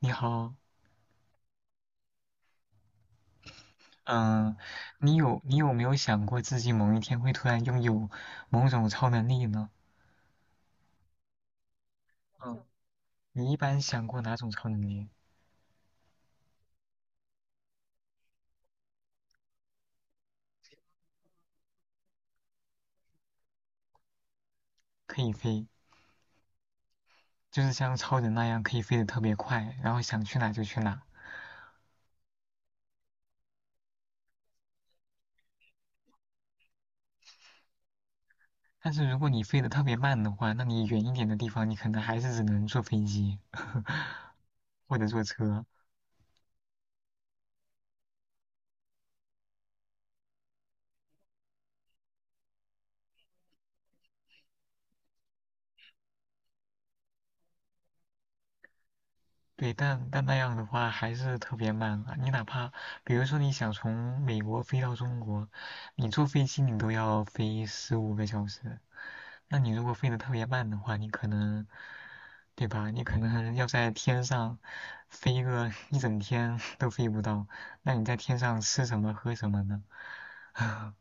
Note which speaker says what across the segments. Speaker 1: 你好，嗯，你有没有想过自己某一天会突然拥有某种超能力呢？嗯，你一般想过哪种超能力？可以飞，就是像超人那样可以飞得特别快，然后想去哪就去哪。但是如果你飞得特别慢的话，那你远一点的地方你可能还是只能坐飞机，或者坐车。对，但那样的话还是特别慢啊。你哪怕比如说你想从美国飞到中国，你坐飞机你都要飞15个小时。那你如果飞得特别慢的话，你可能，对吧？你可能要在天上飞个 一整天 都飞不到。那你在天上吃什么喝什么呢？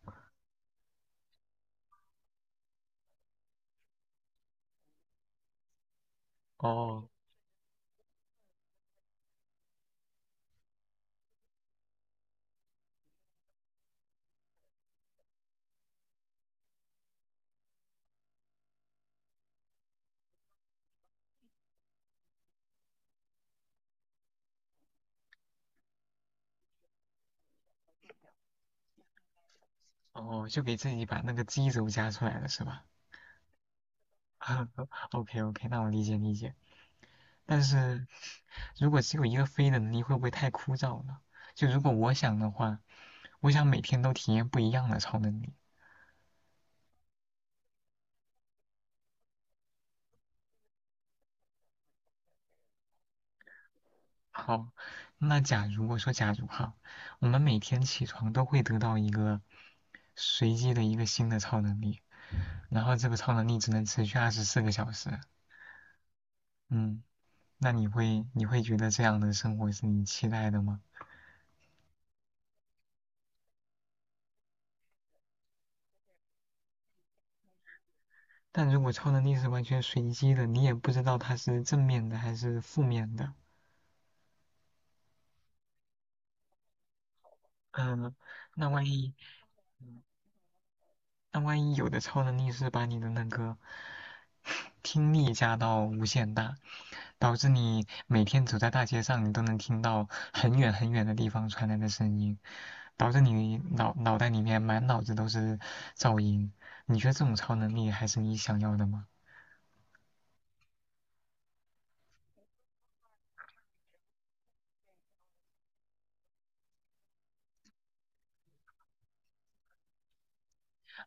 Speaker 1: 哦哦，就给自己把那个基轴加出来了是吧 ？OK OK，那我理解理解。但是如果只有一个飞的能力，会不会太枯燥了？就如果我想的话，我想每天都体验不一样的超能力。好，那假如我说假如哈，我们每天起床都会得到一个随机的一个新的超能力，然后这个超能力只能持续24个小时。嗯，那你会觉得这样的生活是你期待的吗？但如果超能力是完全随机的，你也不知道它是正面的还是负面的。嗯，那万一那万一有的超能力是把你的那个听力加到无限大，导致你每天走在大街上，你都能听到很远很远的地方传来的声音，导致你脑袋里面满脑子都是噪音。你觉得这种超能力还是你想要的吗？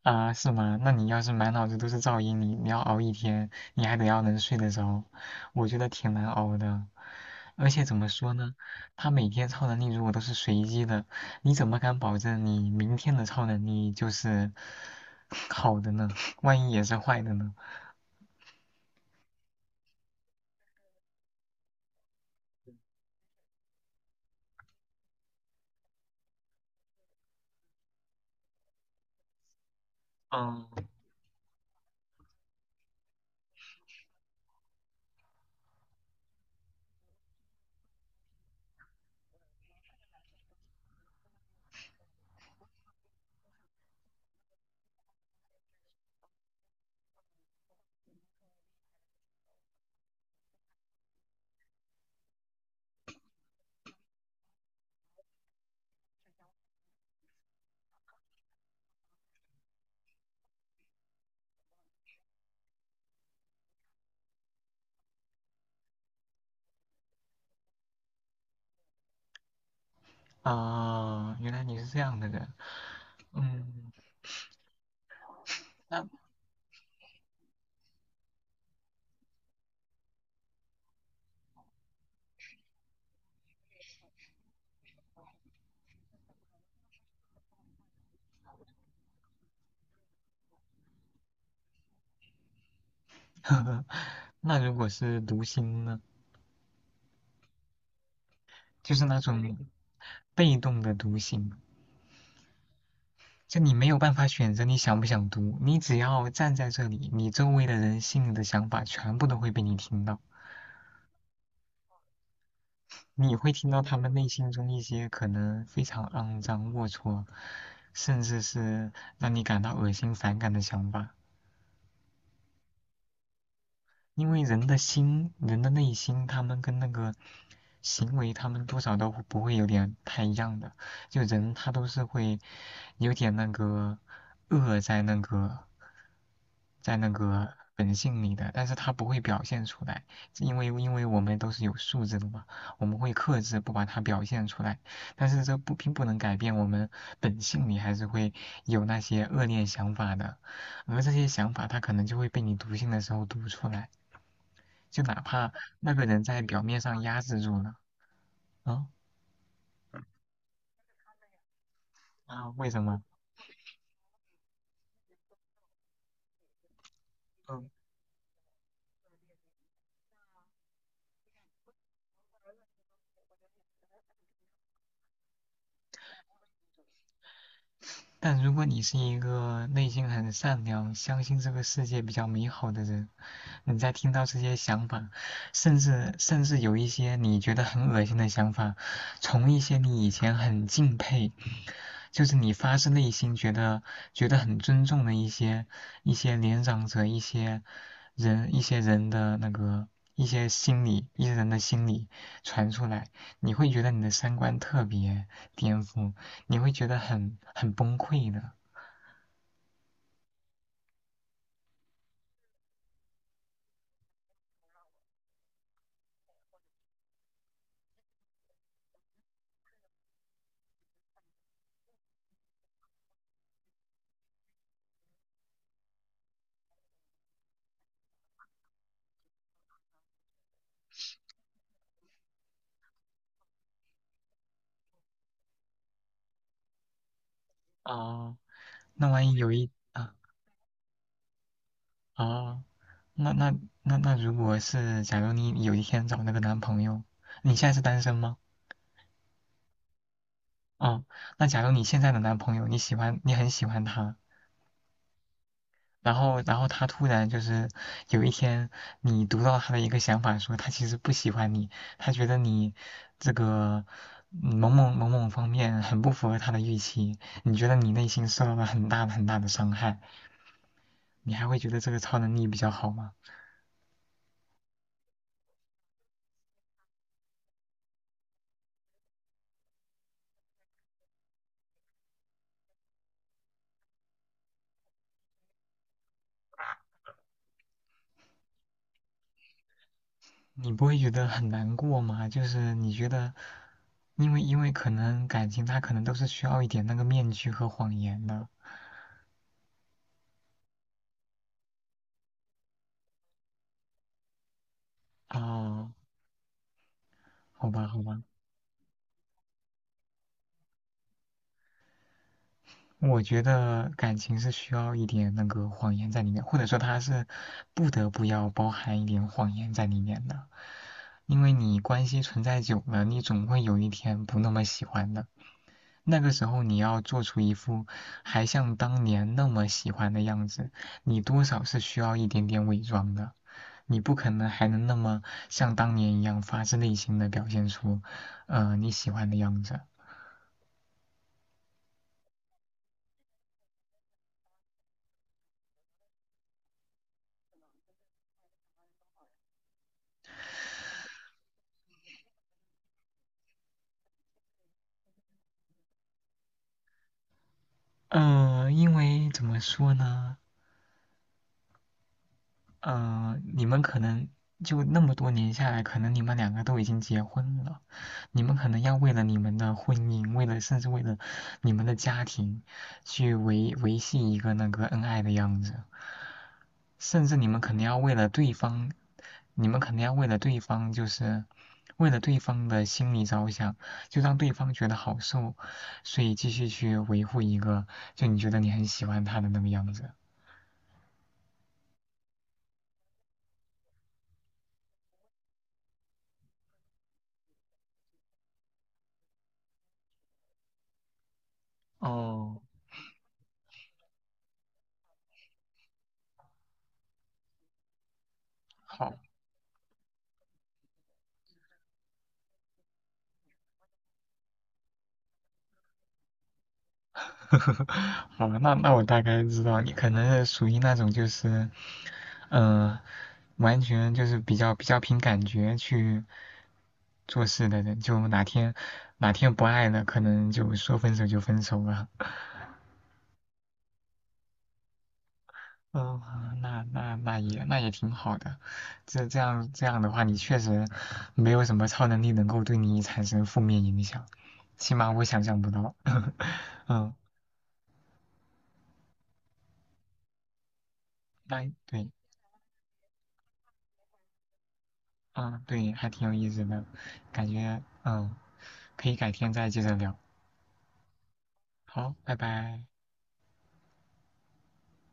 Speaker 1: 啊，是吗？那你要是满脑子都是噪音，你要熬一天，你还得要能睡得着，我觉得挺难熬的。而且怎么说呢，他每天超能力如果都是随机的，你怎么敢保证你明天的超能力就是 好的呢？万一也是坏的呢？啊，原来你是这样的人，嗯，那如果是读心呢？就是那种被动的读心。就你没有办法选择你想不想读，你只要站在这里，你周围的人心里的想法全部都会被你听到，你会听到他们内心中一些可能非常肮脏、龌龊，甚至是让你感到恶心、反感的想法。因为人的心，人的内心，他们跟那个行为，他们多少都不会有点太一样的。就人他都是会有点那个恶在那个本性里的，但是他不会表现出来，因为我们都是有素质的嘛，我们会克制不把它表现出来。但是这不并不能改变我们本性里还是会有那些恶劣想法的，而这些想法它可能就会被你读心的时候读出来。就哪怕那个人在表面上压制住了，啊啊，为什么？嗯但如果你是一个内心很善良、相信这个世界比较美好的人，你在听到这些想法，甚至有一些你觉得很恶心的想法，从一些你以前很敬佩，就是你发自内心觉得很尊重的一些年长者、一些人、一些人的那个一些心理、一些人的心理传出来，你会觉得你的三观特别颠覆。你会觉得很崩溃的。哦那万一有一啊，哦，那那那，如果是假如你有一天找那个男朋友，你现在是单身吗？哦，那假如你现在的男朋友你喜欢，你很喜欢他，然后他突然就是有一天你读到他的一个想法，说他其实不喜欢你，他觉得你这个某某某某方面很不符合他的预期，你觉得你内心受到了很大很大的伤害。你还会觉得这个超能力比较好吗？你不会觉得很难过吗？就是你觉得，因为可能感情它可能都是需要一点那个面具和谎言的。哦，好吧，好吧，我觉得感情是需要一点那个谎言在里面，或者说它是不得不要包含一点谎言在里面的，因为你关系存在久了，你总会有一天不那么喜欢的。那个时候你要做出一副还像当年那么喜欢的样子，你多少是需要一点点伪装的。你不可能还能那么像当年一样发自内心的表现出，你喜欢的样子。因为怎么说呢？嗯、你们可能就那么多年下来，可能你们两个都已经结婚了，你们可能要为了你们的婚姻，甚至为了你们的家庭，去维系一个那个恩爱的样子。甚至你们肯定要为了对方，你们肯定要为了对方，就是为了对方的心理着想，就让对方觉得好受，所以继续去维护一个就你觉得你很喜欢他的那个样子。哦，好，好，那那我大概知道你可能是属于那种就是，呃，完全就是比较凭感觉去做事的人，就哪天哪天不爱了，可能就说分手就分手了。哦，那也那也挺好的，这样的话，你确实没有什么超能力能够对你产生负面影响，起码我想象不到。嗯，那对，啊对，还挺有意思的，感觉可以改天再接着聊。好，拜拜。